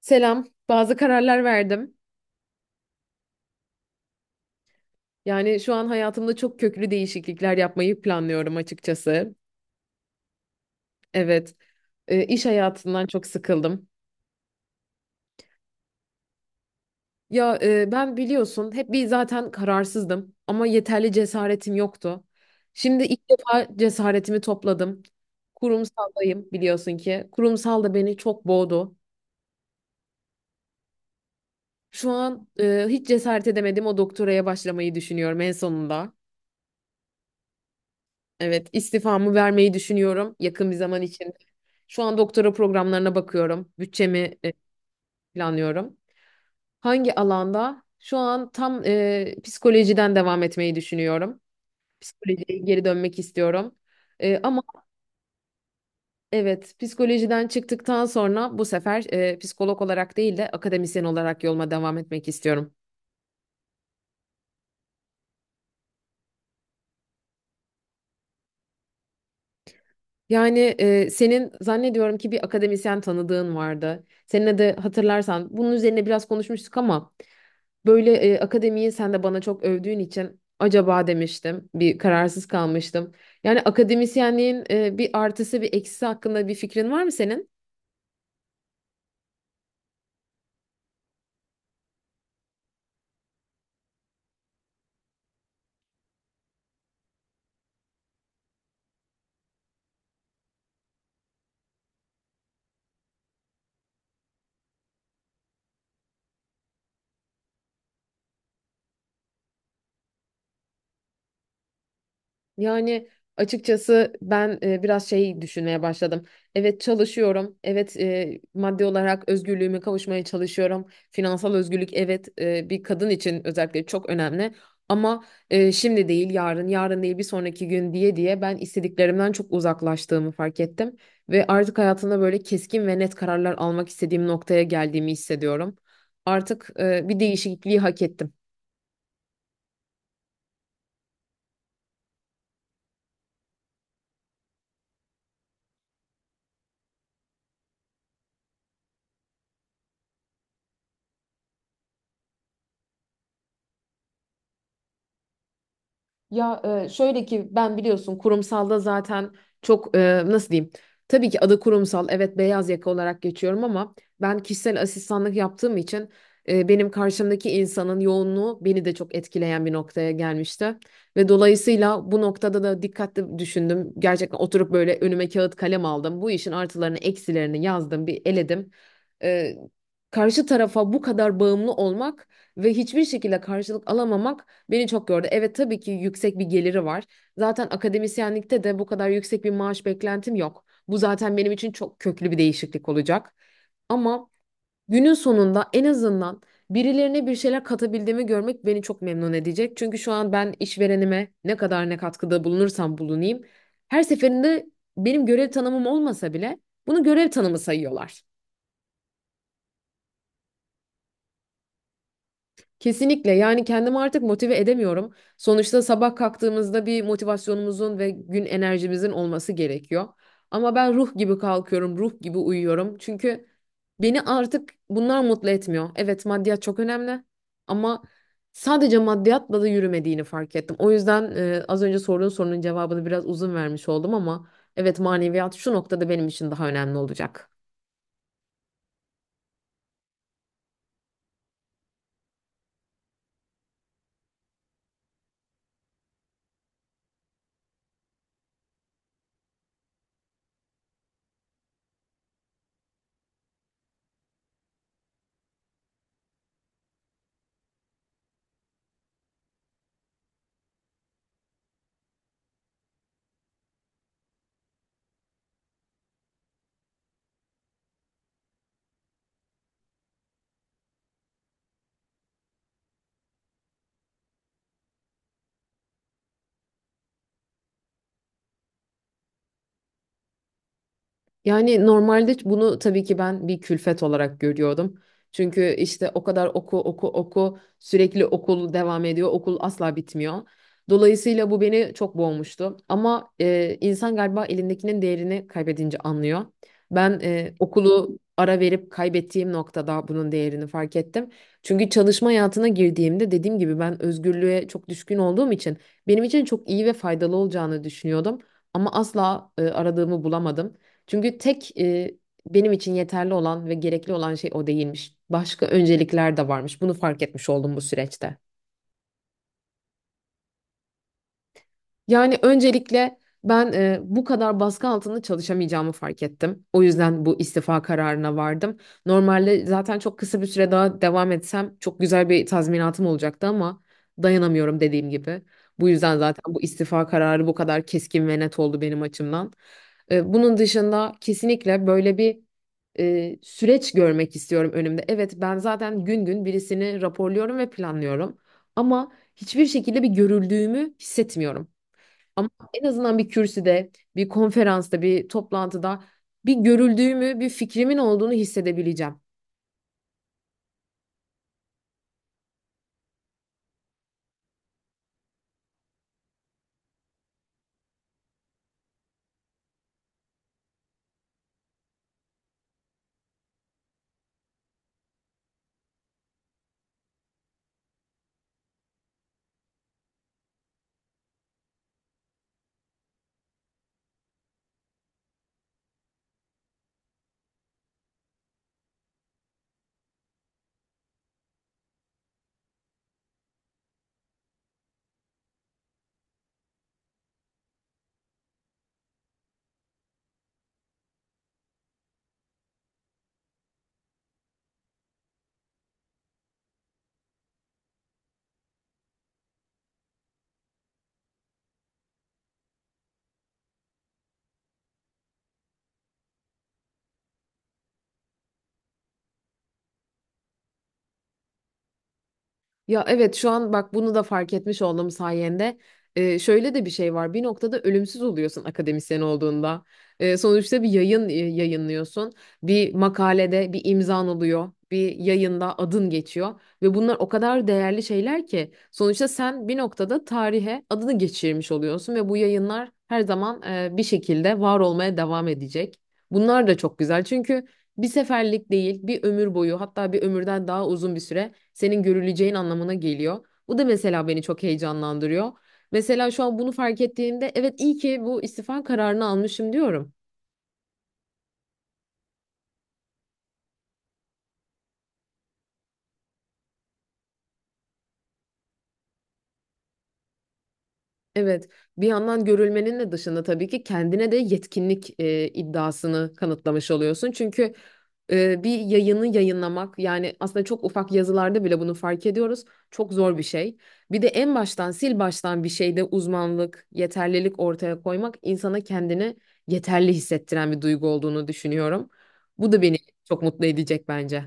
Selam. Bazı kararlar verdim. Yani şu an hayatımda çok köklü değişiklikler yapmayı planlıyorum açıkçası. Evet, iş hayatından çok sıkıldım. Ya ben biliyorsun hep bir zaten kararsızdım ama yeterli cesaretim yoktu. Şimdi ilk defa cesaretimi topladım. Kurumsaldayım biliyorsun ki. Kurumsal da beni çok boğdu. Şu an hiç cesaret edemedim o doktoraya başlamayı düşünüyorum en sonunda. Evet, istifamı vermeyi düşünüyorum yakın bir zaman içinde. Şu an doktora programlarına bakıyorum. Bütçemi e, planlıyorum. Hangi alanda? Şu an tam psikolojiden devam etmeyi düşünüyorum. Psikolojiye geri dönmek istiyorum. E, ama evet psikolojiden çıktıktan sonra bu sefer psikolog olarak değil de akademisyen olarak yoluma devam etmek istiyorum. Yani senin zannediyorum ki bir akademisyen tanıdığın vardı. Seninle de hatırlarsan bunun üzerine biraz konuşmuştuk ama böyle akademiyi sen de bana çok övdüğün için acaba demiştim. Bir kararsız kalmıştım. Yani akademisyenliğin bir artısı bir eksisi hakkında bir fikrin var mı senin? Yani açıkçası ben biraz şey düşünmeye başladım. Evet çalışıyorum. Evet, maddi olarak özgürlüğüme kavuşmaya çalışıyorum. Finansal özgürlük evet, bir kadın için özellikle çok önemli. Ama şimdi değil yarın, yarın değil bir sonraki gün diye diye ben istediklerimden çok uzaklaştığımı fark ettim. Ve artık hayatımda böyle keskin ve net kararlar almak istediğim noktaya geldiğimi hissediyorum. Artık bir değişikliği hak ettim. Ya şöyle ki ben biliyorsun kurumsalda zaten çok nasıl diyeyim? Tabii ki adı kurumsal, evet, beyaz yaka olarak geçiyorum ama ben kişisel asistanlık yaptığım için benim karşımdaki insanın yoğunluğu beni de çok etkileyen bir noktaya gelmişti. Ve dolayısıyla bu noktada da dikkatli düşündüm. Gerçekten oturup böyle önüme kağıt kalem aldım. Bu işin artılarını eksilerini yazdım bir eledim. E, Karşı tarafa bu kadar bağımlı olmak ve hiçbir şekilde karşılık alamamak beni çok gördü. Evet tabii ki yüksek bir geliri var. Zaten akademisyenlikte de bu kadar yüksek bir maaş beklentim yok. Bu zaten benim için çok köklü bir değişiklik olacak. Ama günün sonunda en azından birilerine bir şeyler katabildiğimi görmek beni çok memnun edecek. Çünkü şu an ben işverenime ne kadar ne katkıda bulunursam bulunayım. Her seferinde benim görev tanımım olmasa bile bunu görev tanımı sayıyorlar. Kesinlikle, yani kendimi artık motive edemiyorum. Sonuçta sabah kalktığımızda bir motivasyonumuzun ve gün enerjimizin olması gerekiyor. Ama ben ruh gibi kalkıyorum, ruh gibi uyuyorum. Çünkü beni artık bunlar mutlu etmiyor. Evet, maddiyat çok önemli ama sadece maddiyatla da yürümediğini fark ettim. O yüzden az önce sorduğun sorunun cevabını biraz uzun vermiş oldum ama evet, maneviyat şu noktada benim için daha önemli olacak. Yani normalde bunu tabii ki ben bir külfet olarak görüyordum. Çünkü işte o kadar oku oku oku sürekli okul devam ediyor. Okul asla bitmiyor. Dolayısıyla bu beni çok boğmuştu. Ama insan galiba elindekinin değerini kaybedince anlıyor. Ben okulu ara verip kaybettiğim noktada bunun değerini fark ettim. Çünkü çalışma hayatına girdiğimde dediğim gibi ben özgürlüğe çok düşkün olduğum için benim için çok iyi ve faydalı olacağını düşünüyordum. Ama asla aradığımı bulamadım. Çünkü benim için yeterli olan ve gerekli olan şey o değilmiş. Başka öncelikler de varmış. Bunu fark etmiş oldum bu süreçte. Yani öncelikle ben bu kadar baskı altında çalışamayacağımı fark ettim. O yüzden bu istifa kararına vardım. Normalde zaten çok kısa bir süre daha devam etsem çok güzel bir tazminatım olacaktı ama dayanamıyorum dediğim gibi. Bu yüzden zaten bu istifa kararı bu kadar keskin ve net oldu benim açımdan. Bunun dışında kesinlikle böyle bir süreç görmek istiyorum önümde. Evet ben zaten gün gün birisini raporluyorum ve planlıyorum ama hiçbir şekilde bir görüldüğümü hissetmiyorum. Ama en azından bir kürsüde, bir konferansta, bir toplantıda bir görüldüğümü, bir fikrimin olduğunu hissedebileceğim. Ya evet, şu an bak bunu da fark etmiş olduğum sayende. Şöyle de bir şey var: bir noktada ölümsüz oluyorsun akademisyen olduğunda. Sonuçta bir yayın yayınlıyorsun, bir makalede bir imzan oluyor, bir yayında adın geçiyor ve bunlar o kadar değerli şeyler ki sonuçta sen bir noktada tarihe adını geçirmiş oluyorsun ve bu yayınlar her zaman bir şekilde var olmaya devam edecek. Bunlar da çok güzel çünkü bir seferlik değil, bir ömür boyu, hatta bir ömürden daha uzun bir süre senin görüleceğin anlamına geliyor. Bu da mesela beni çok heyecanlandırıyor. Mesela şu an bunu fark ettiğimde evet, iyi ki bu istifa kararını almışım diyorum. Evet, bir yandan görülmenin de dışında tabii ki kendine de yetkinlik iddiasını kanıtlamış oluyorsun. Çünkü bir yayını yayınlamak, yani aslında çok ufak yazılarda bile bunu fark ediyoruz. Çok zor bir şey. Bir de en baştan sil baştan bir şeyde uzmanlık, yeterlilik ortaya koymak insana kendini yeterli hissettiren bir duygu olduğunu düşünüyorum. Bu da beni çok mutlu edecek bence.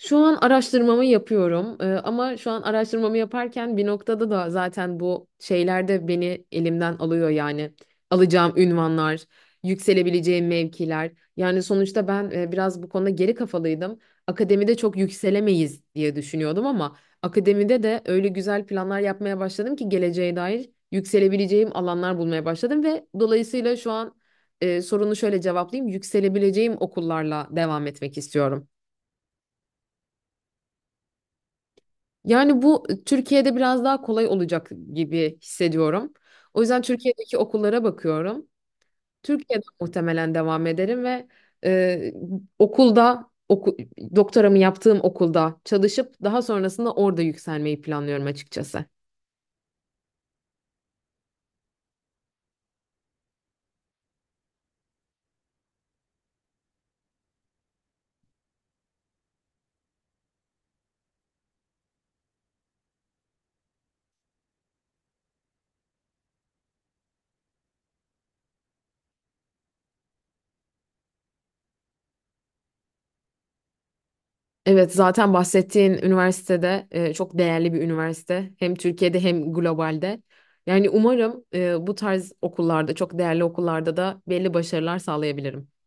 Şu an araştırmamı yapıyorum. Ama şu an araştırmamı yaparken bir noktada da zaten bu şeyler de beni elimden alıyor, yani alacağım ünvanlar, yükselebileceğim mevkiler. Yani sonuçta ben biraz bu konuda geri kafalıydım. Akademide çok yükselemeyiz diye düşünüyordum ama akademide de öyle güzel planlar yapmaya başladım ki geleceğe dair yükselebileceğim alanlar bulmaya başladım ve dolayısıyla şu an sorunu şöyle cevaplayayım. Yükselebileceğim okullarla devam etmek istiyorum. Yani bu Türkiye'de biraz daha kolay olacak gibi hissediyorum. O yüzden Türkiye'deki okullara bakıyorum. Türkiye'de muhtemelen devam ederim ve e, okulda oku, doktoramı yaptığım okulda çalışıp daha sonrasında orada yükselmeyi planlıyorum açıkçası. Evet, zaten bahsettiğin üniversitede çok değerli bir üniversite. Hem Türkiye'de hem globalde. Yani umarım bu tarz okullarda, çok değerli okullarda da belli başarılar sağlayabilirim.